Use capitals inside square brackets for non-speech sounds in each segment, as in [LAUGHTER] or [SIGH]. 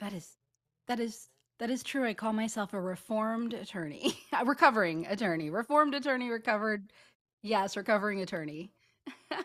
That is that is that is true. I call myself a reformed attorney. [LAUGHS] A recovering attorney. Reformed attorney, recovered. Yes, recovering attorney. [LAUGHS] [LAUGHS]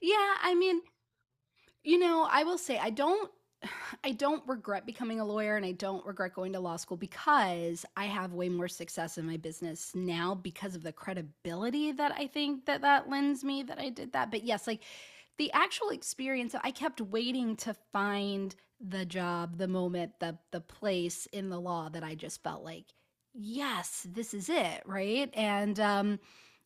Yeah, I mean, I will say I don't [SIGHS] I don't regret becoming a lawyer, and I don't regret going to law school because I have way more success in my business now because of the credibility that I think that that lends me that I did that. But yes, like the actual experience, I kept waiting to find the job, the moment, the place in the law that I just felt like, yes, this is it, right? And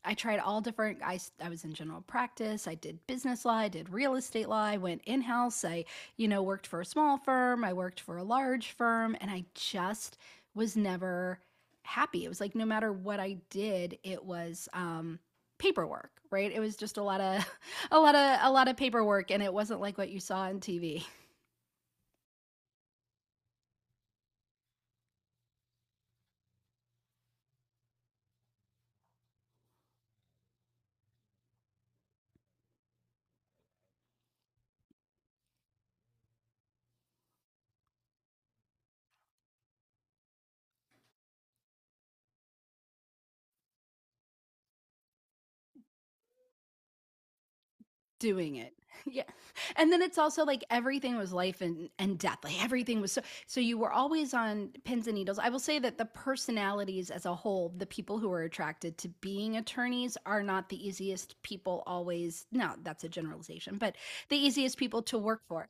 I tried all different. I was in general practice. I did business law. I did real estate law. I went in house. I worked for a small firm. I worked for a large firm, and I just was never happy. It was like no matter what I did, it was paperwork, right? It was just [LAUGHS] a lot of paperwork, and it wasn't like what you saw on TV. Doing it. [LAUGHS] Yeah. And then it's also like everything was life and death. Like everything was so, so you were always on pins and needles. I will say that the personalities as a whole, the people who are attracted to being attorneys, are not the easiest people always. No, that's a generalization, but the easiest people to work for.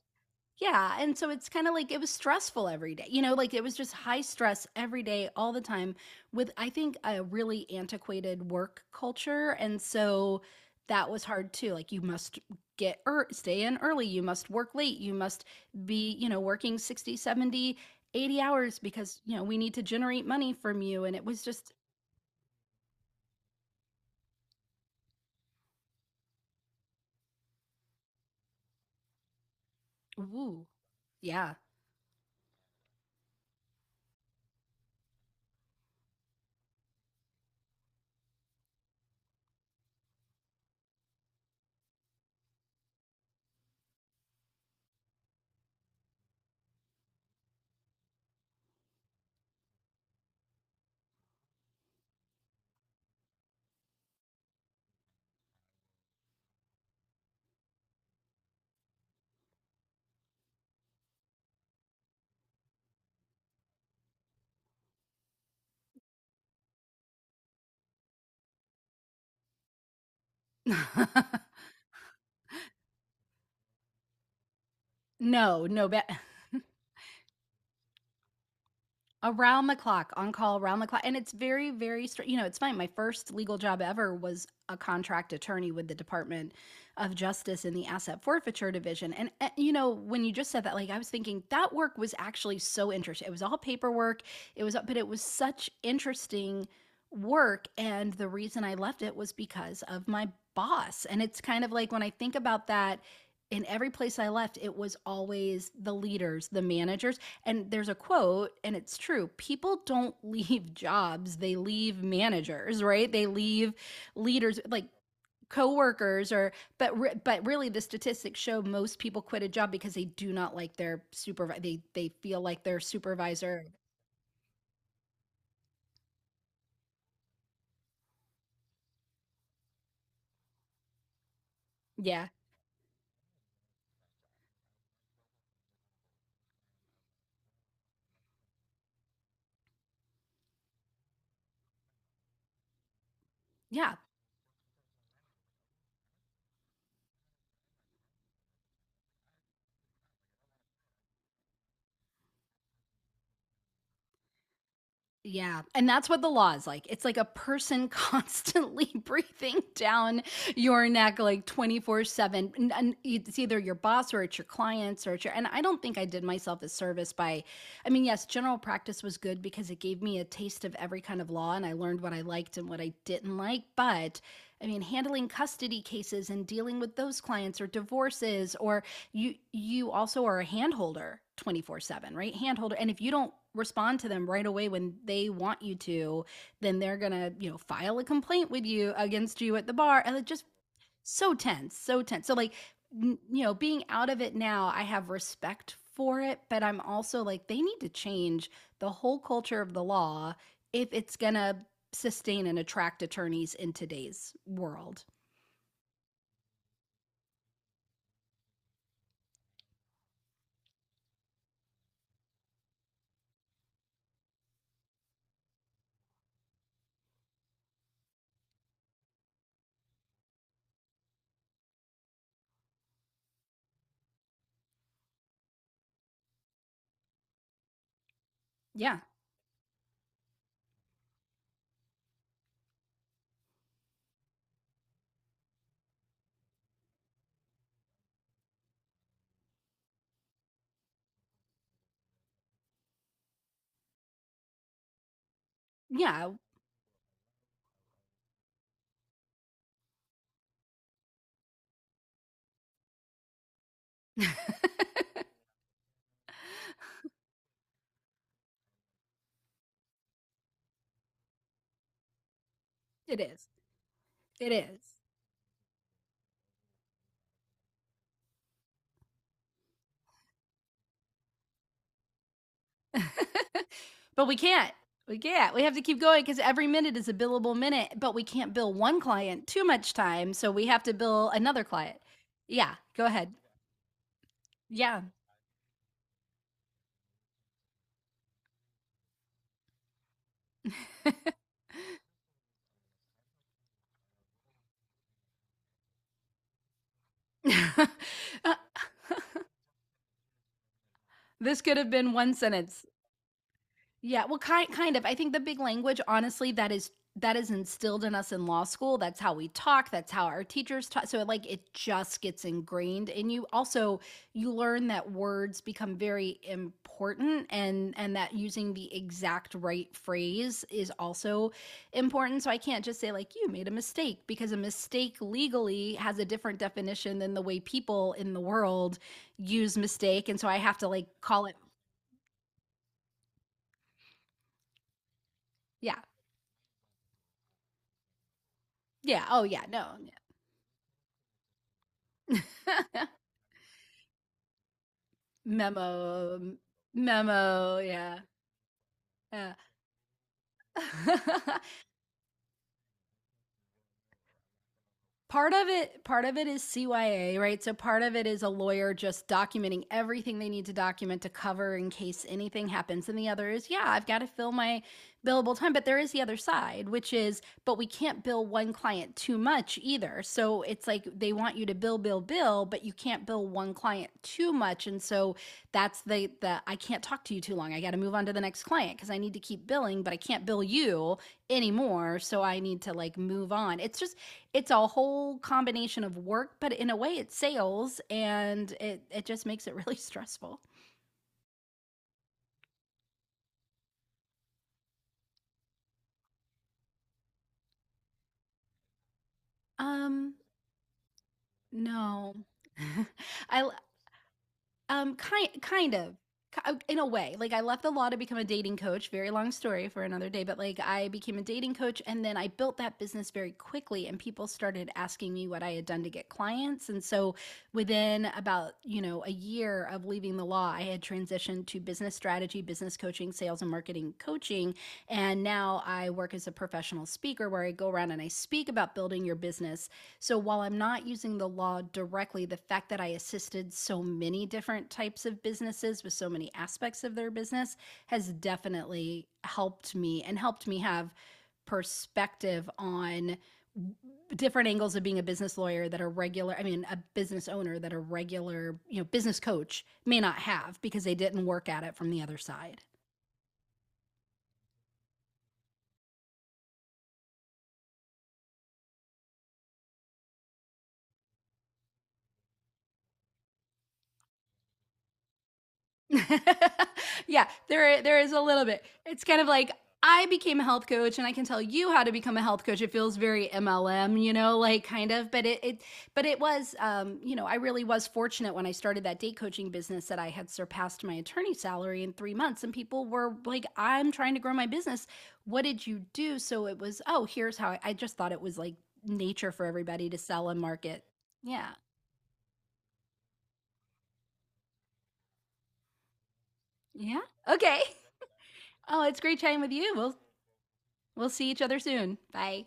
Yeah, and so it's kind of like it was stressful every day. Like it was just high stress every day all the time, with I think a really antiquated work culture, and so that was hard too. Like you must get or stay in early, you must work late, you must be working 60, 70, 80 hours because we need to generate money from you, and it was just ooh. Yeah. [LAUGHS] No, no, bad. Around the clock, on call, around the clock. And it's very, very. It's funny. My first legal job ever was a contract attorney with the Department of Justice in the Asset Forfeiture Division. And when you just said that, like, I was thinking that work was actually so interesting. It was all paperwork, but it was such interesting work. And the reason I left it was because of my boss. And it's kind of like when I think about that, in every place I left, it was always the leaders, the managers, and there's a quote, and it's true. People don't [LAUGHS] leave jobs, they leave managers, right? They leave leaders, like coworkers, or but really, the statistics show most people quit a job because they do not like their supervisor, they feel like their supervisor. Yeah, yeah. Yeah, and that's what the law is like. It's like a person [LAUGHS] constantly breathing down your neck like 24/7. And it's either your boss or it's your clients or it's your and I don't think I did myself a service by. I mean, yes, general practice was good because it gave me a taste of every kind of law, and I learned what I liked and what I didn't like. But I mean, handling custody cases and dealing with those clients, or divorces, or you also are a hand holder 24/7, right? Hand holder. And if you don't respond to them right away when they want you to, then they're going to file a complaint with you, against you at the bar, and it's just so tense, so tense. So like, being out of it now, I have respect for it, but I'm also like they need to change the whole culture of the law if it's going to sustain and attract attorneys in today's world. Yeah. Yeah. [LAUGHS] It is. It is. [LAUGHS] But we can't. We can't. We have to keep going because every minute is a billable minute, but we can't bill one client too much time. So we have to bill another client. Yeah, go ahead. Yeah. [LAUGHS] This could have been one sentence. Yeah, well, kind of. I think the big language, honestly, that is instilled in us in law school. That's how we talk. That's how our teachers talk. So like it just gets ingrained in you. Also, you learn that words become very important, and that using the exact right phrase is also important. So I can't just say like you made a mistake, because a mistake legally has a different definition than the way people in the world use mistake. And so I have to like call it. Yeah. Yeah. Oh, yeah. No. [LAUGHS] Memo, memo. Yeah, yeah. [LAUGHS] Part of it is CYA, right? So part of it is a lawyer just documenting everything they need to document to cover in case anything happens. And the other is, yeah, I've got to fill my billable time, but there is the other side, which is, but we can't bill one client too much either. So it's like they want you to bill, bill, bill, but you can't bill one client too much. And so that's the I can't talk to you too long. I got to move on to the next client because I need to keep billing, but I can't bill you anymore. So I need to like move on. It's just, it's a whole combination of work, but in a way it's sales, and it just makes it really [LAUGHS] stressful. Um, no. [LAUGHS] I kind kind of, in a way. Like I left the law to become a dating coach. Very long story for another day, but like I became a dating coach, and then I built that business very quickly, and people started asking me what I had done to get clients. And so within about a year of leaving the law, I had transitioned to business strategy, business coaching, sales and marketing coaching, and now I work as a professional speaker where I go around and I speak about building your business. So while I'm not using the law directly, the fact that I assisted so many different types of businesses with so many aspects of their business has definitely helped me, and helped me have perspective on different angles of being a business lawyer that a regular, I mean, a business owner, that a regular business coach may not have because they didn't work at it from the other side. [LAUGHS] Yeah, there is a little bit. It's kind of like I became a health coach and I can tell you how to become a health coach. It feels very MLM, like kind of, but it was, I really was fortunate when I started that date coaching business, that I had surpassed my attorney salary in 3 months, and people were like, I'm trying to grow my business. What did you do? So it was, oh, here's how I, just thought it was like nature for everybody to sell and market. Yeah. Yeah. Okay. [LAUGHS] Oh, it's great chatting with you. We'll see each other soon. Bye.